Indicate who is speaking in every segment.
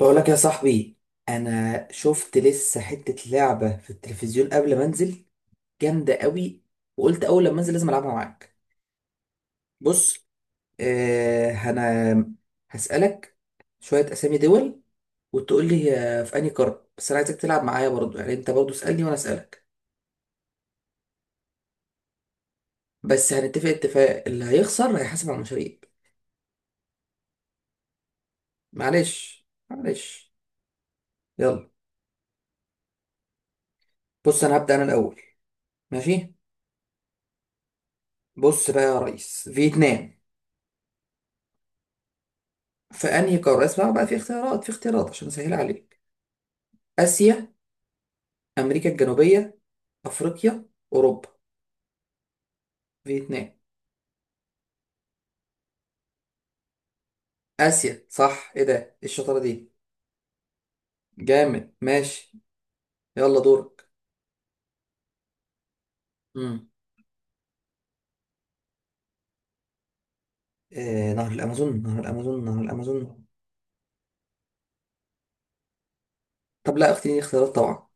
Speaker 1: بقولك يا صاحبي، انا شفت لسه حتة لعبة في التلفزيون قبل ما انزل. جامدة قوي. وقلت اول لما انزل لازم العبها معاك. بص. انا هسألك شوية اسامي دول وتقول لي في انهي قارة، بس انا عايزك تلعب معايا برضو، يعني انت برضو اسألني وانا اسألك. بس هنتفق اتفاق، اللي هيخسر هيحاسب على المشاريب. معلش معلش. يلا، بص انا هبدأ انا الاول. ماشي. بص بقى يا ريس، فيتنام في انهي قاره؟ اسمع بقى، في اختيارات، عشان اسهل عليك. اسيا، امريكا الجنوبيه، افريقيا، اوروبا. فيتنام. اسيا صح، ايه ده، إيه الشطاره دي. جامد ماشي. يلا دورك. امم آه نهر الامازون نهر الامازون نهر الامازون. طب لا، اختياري اختيارات طبعا.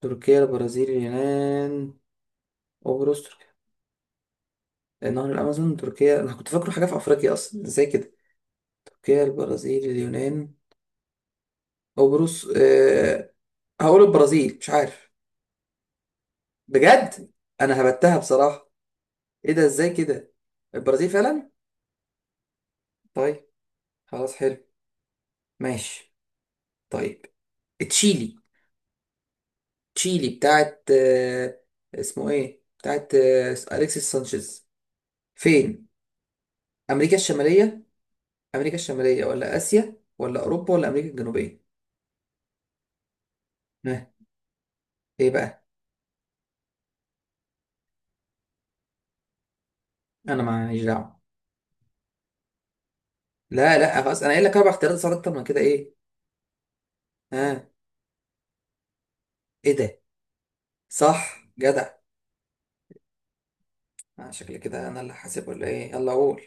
Speaker 1: تركيا، البرازيل، اليونان، قبرص. تركيا؟ نهر الامازون تركيا، انا كنت فاكره حاجه في افريقيا اصلا، ازاي كده. تركيا، البرازيل، اليونان، قبرص هقول البرازيل، مش عارف. بجد، انا هبتها بصراحه. ايه ده، ازاي كده. البرازيل فعلا. طيب خلاص حلو. ماشي. طيب، تشيلي. تشيلي بتاعت اسمه ايه، بتاعت اليكسيس سانشيز فين؟ امريكا الشماليه. امريكا الشماليه ولا اسيا ولا اوروبا ولا امريكا الجنوبيه؟ ها. ايه بقى، انا ماليش دعوه. لا لا خلاص، انا قايل لك اربع اختيارات، صارت اكتر من كده ايه. ها. ايه ده، صح جدع. شكلي كده انا اللي حاسب ولا ايه. يلا قول.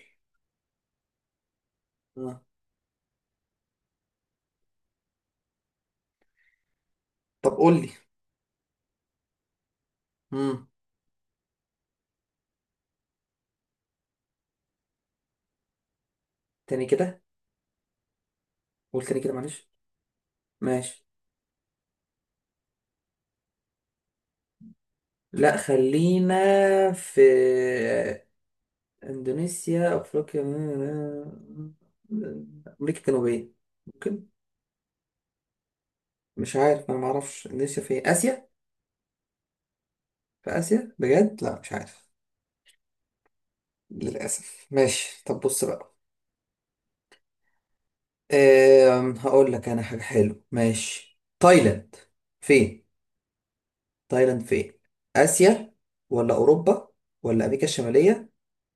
Speaker 1: آه. طب قول لي. مم. تاني كده. قول تاني كده، معلش. ماشي. لا خلينا في، اندونيسيا، افريقيا، امريكا الجنوبيه ممكن. مش عارف، انا ما اعرفش. اندونيسيا في إيه؟ اسيا. في اسيا بجد؟ لا مش عارف. للاسف. ماشي طب، بص بقى. هقول لك انا حاجه حلوه. ماشي، تايلاند فين؟ تايلاند فين، اسيا ولا اوروبا ولا امريكا الشماليه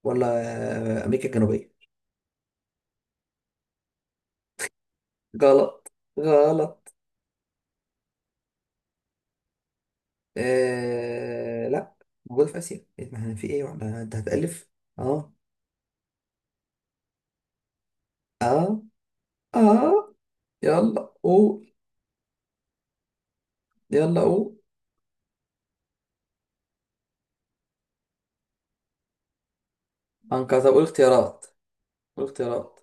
Speaker 1: ولا امريكا الجنوبيه؟ غلط، غلط. لا، موجود في آسيا إيه، ما أنا في ايه، ولا انت هتألف. اه، اه، اه. يلا قول، يلا قول. انقذ؟ طب قول اختيارات، قول اختيارات.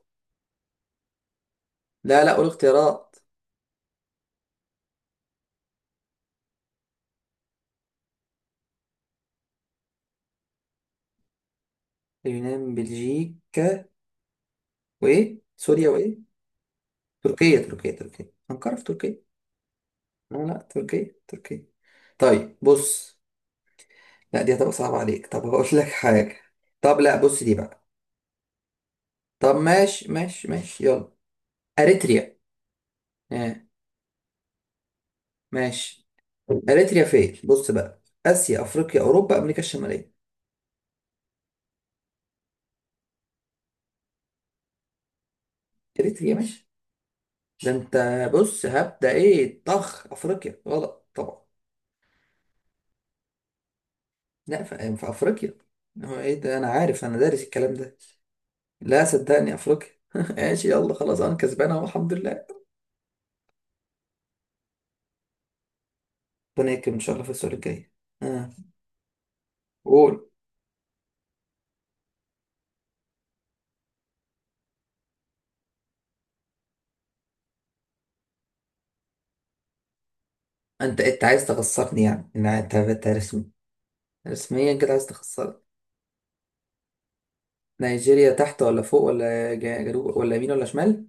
Speaker 1: لا لا، قول اختيارات. اليونان، بلجيكا، وايه، سوريا وايه. تركيا، تركيا، تركيا، انقرة في تركيا. لا لا، تركيا تركيا. طيب بص، لا دي هتبقى صعبة عليك، طب هقول لك حاجة. طب لا، بص دي بقى. طب ماشي ماشي ماشي، يلا. اريتريا. آه. ماشي. اريتريا فين، بص بقى، اسيا، افريقيا، اوروبا، امريكا الشماليه. اريتريا. ماشي، ده انت. بص هبدا ايه، طخ، افريقيا غلط طبعا. لا، في افريقيا. هو ايه ده، انا عارف، انا دارس الكلام ده. لا صدقني، افريقيا. ماشي يلا خلاص، انا كسبان اهو الحمد لله. ربنا يكرم ان شاء الله في السؤال الجاي. اه، قول. انت عايز تخسرني يعني، إن انت أنت رسمي؟ رسميا كده عايز تخسرني. نيجيريا تحت ولا فوق ولا جنوب ولا يمين ولا شمال.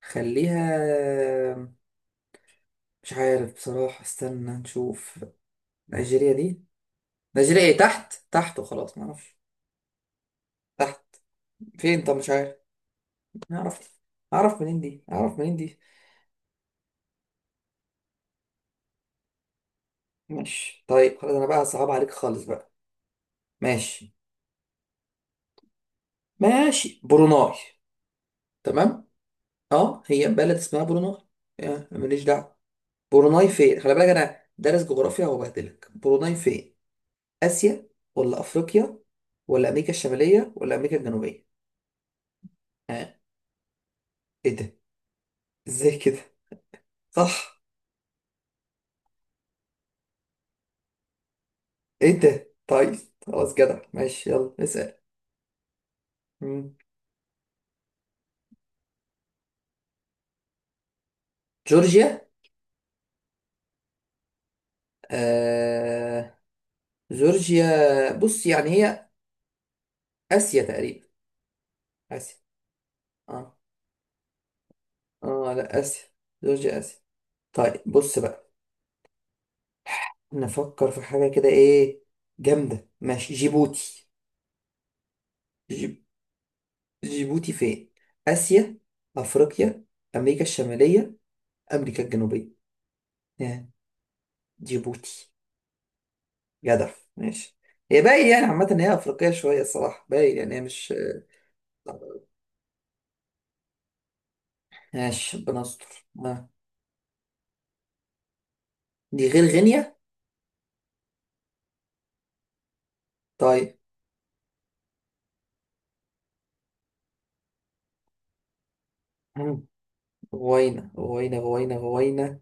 Speaker 1: خليها، مش عارف بصراحة، استنى نشوف. نيجيريا دي، نيجيريا ايه، تحت تحت وخلاص، معرفش. تحت. فين؟ طب مش عارف. اعرف، اعرف منين دي، اعرف منين دي. ماشي طيب خلاص، انا بقى صعب عليك خالص بقى. ماشي، ماشي. بروناي. تمام. اه هي بلد اسمها بروناي. ماليش دعوة. بروناي فين، خلي بالك انا دارس جغرافيا وبهدلك. بروناي فين، اسيا ولا افريقيا ولا امريكا الشمالية ولا امريكا الجنوبية؟ ها، ايه ده، ازاي كده. صح. ايه ده، طيب خلاص جدع. ماشي يلا اسأل. مم. جورجيا؟ آه... جورجيا، بص يعني هي آسيا تقريبا. آسيا. اه، اه لا، آسيا. جورجيا آسيا. طيب بص بقى، نفكر في حاجة كده ايه جامدة. ماشي، جيبوتي. جيب... جيبوتي فين، آسيا، أفريقيا، أمريكا الشمالية، أمريكا الجنوبية؟ يعني جيبوتي، جدع. ماشي، هي باين يعني عامة إن هي أفريقية شوية الصراحة، باين يعني هي مش. ماشي ربنا يستر. آه. دي غير غينيا. طيب. مم. غوينا، غوينا، غوينا، غوينا.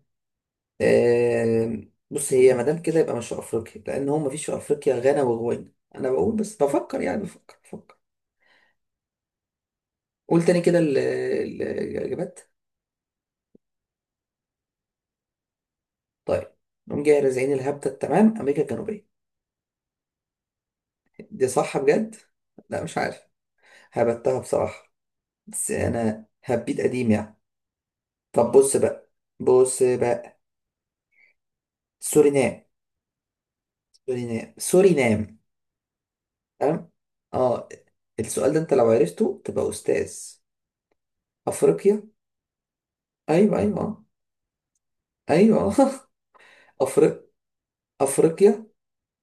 Speaker 1: بص هي ما دام كده يبقى مش في افريقيا، لان هو مفيش في افريقيا غانا وغوينا، انا بقول بس، بفكر يعني، بفكر بفكر. قول تاني كده الاجابات. طيب. نقوم جاي رازعين الهبده التمام، امريكا الجنوبيه. دي صح بجد. لا مش عارف، هبتها بصراحه. بس انا هبيت قديم يعني. طب بص بقى، بص بقى، سورينام؟ سورينام سورينام. أم؟ اه، السؤال ده انت لو عرفته تبقى استاذ. افريقيا. ايوه، ايوه. آه. ايوه. أفريق... افريقيا،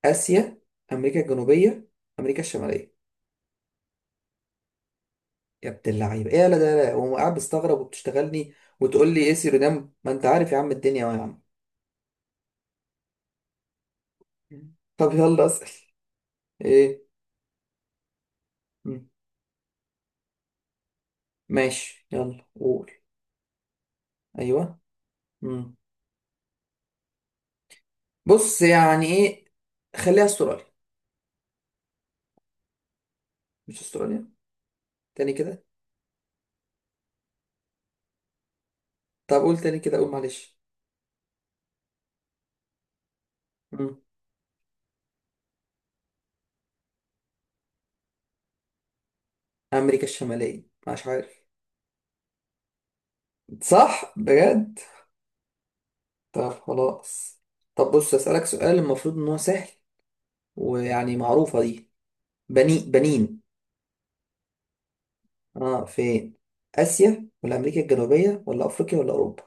Speaker 1: اسيا، امريكا الجنوبيه، امريكا الشماليه. يا ابن اللعيبه، ايه لا، ده لا، هو قاعد بيستغرب وبتشتغلني وتقول لي ايه سيرودام، ما انت عارف يا عم الدنيا أهو يا عم. طب يلا اسال. ايه. مم. ماشي يلا قول. ايوه. مم. بص يعني ايه، خليها استراليا. مش استراليا. تاني كده، طب قول تاني كده، قول معلش. أمريكا الشمالية، مش عارف. صح بجد. طب خلاص، طب بص، أسألك سؤال المفروض إن هو سهل ويعني معروفة دي. بني، بنين. اه، فين؟ آسيا ولا أمريكا الجنوبية ولا أفريقيا ولا أوروبا؟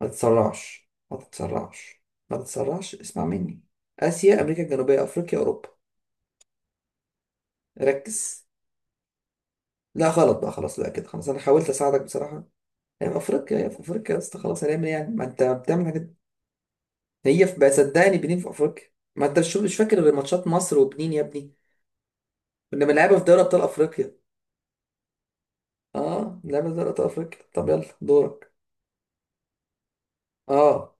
Speaker 1: ما تتسرعش، ما تتسرعش، ما تتسرعش، اسمع مني. آسيا، أمريكا الجنوبية، أفريقيا، أوروبا. ركز. لا غلط بقى، خلاص بقى كده، خلاص أنا حاولت أساعدك بصراحة. هي في أفريقيا، هي في أفريقيا يا اسطى، خلاص هنعمل إيه يعني، ما أنت بتعمل حاجات. هي في بقى صدقني، بنين في افريقيا. ما انت مش فاكر غير ماتشات مصر وبنين يا ابني. كنا بنلعبها في دوري ابطال افريقيا. اه بنلعبها في دوري ابطال افريقيا. طب يلا دورك. اه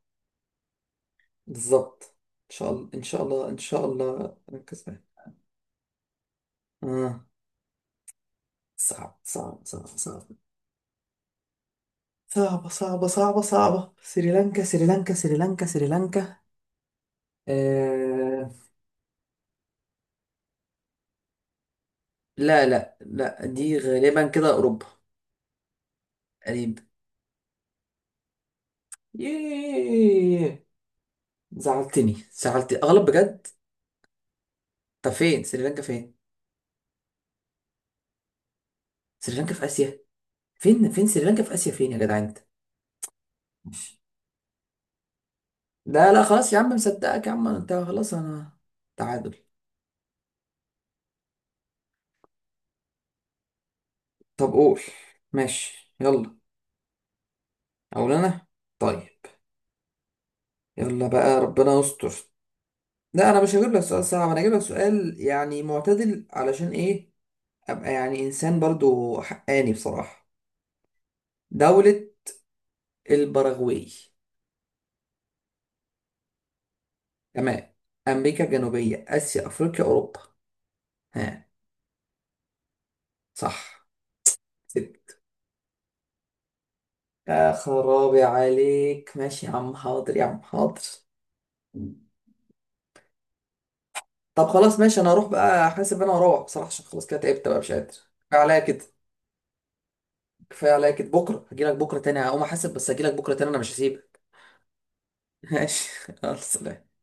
Speaker 1: بالظبط. ان شاء الله، ان شاء الله، ان شاء الله، ركز معايا. اه صعب صعب صعب صعب. صعبة صعبة صعبة صعبة، سريلانكا سريلانكا سريلانكا سريلانكا. آه... لا لا لا، دي غالبا كده أوروبا. قريب. ياه، زعلتني، زعلت أغلب بجد. طب فين سريلانكا فين؟ سريلانكا في آسيا؟ فين، فين سريلانكا في آسيا، فين يا جدعان انت. مش- لا لا خلاص يا عم، مصدقك يا عم انت، خلاص انا. تعادل. طب قول. ماشي يلا، اقول انا. طيب. يلا بقى ربنا يستر. لا انا مش هجيب لك سؤال صعب، انا هجيب لك سؤال يعني معتدل علشان ايه، ابقى يعني انسان برضو حقاني بصراحة. دولة البراغواي. تمام، امريكا الجنوبية، اسيا، افريقيا، اوروبا. ها. صح. يا خرابي عليك، ماشي يا عم، حاضر يا عم حاضر. طب خلاص ماشي، انا هروح بقى حاسب انا، واروح بصراحه عشان خلاص كده تعبت بقى مش قادر. كفايه عليا كده، كفايه عليا كده. بكره هجيلك بكره تاني، هقوم احاسب بس هجيلك بكره تاني، انا مش هسيبك. ماشي. يلا سلام.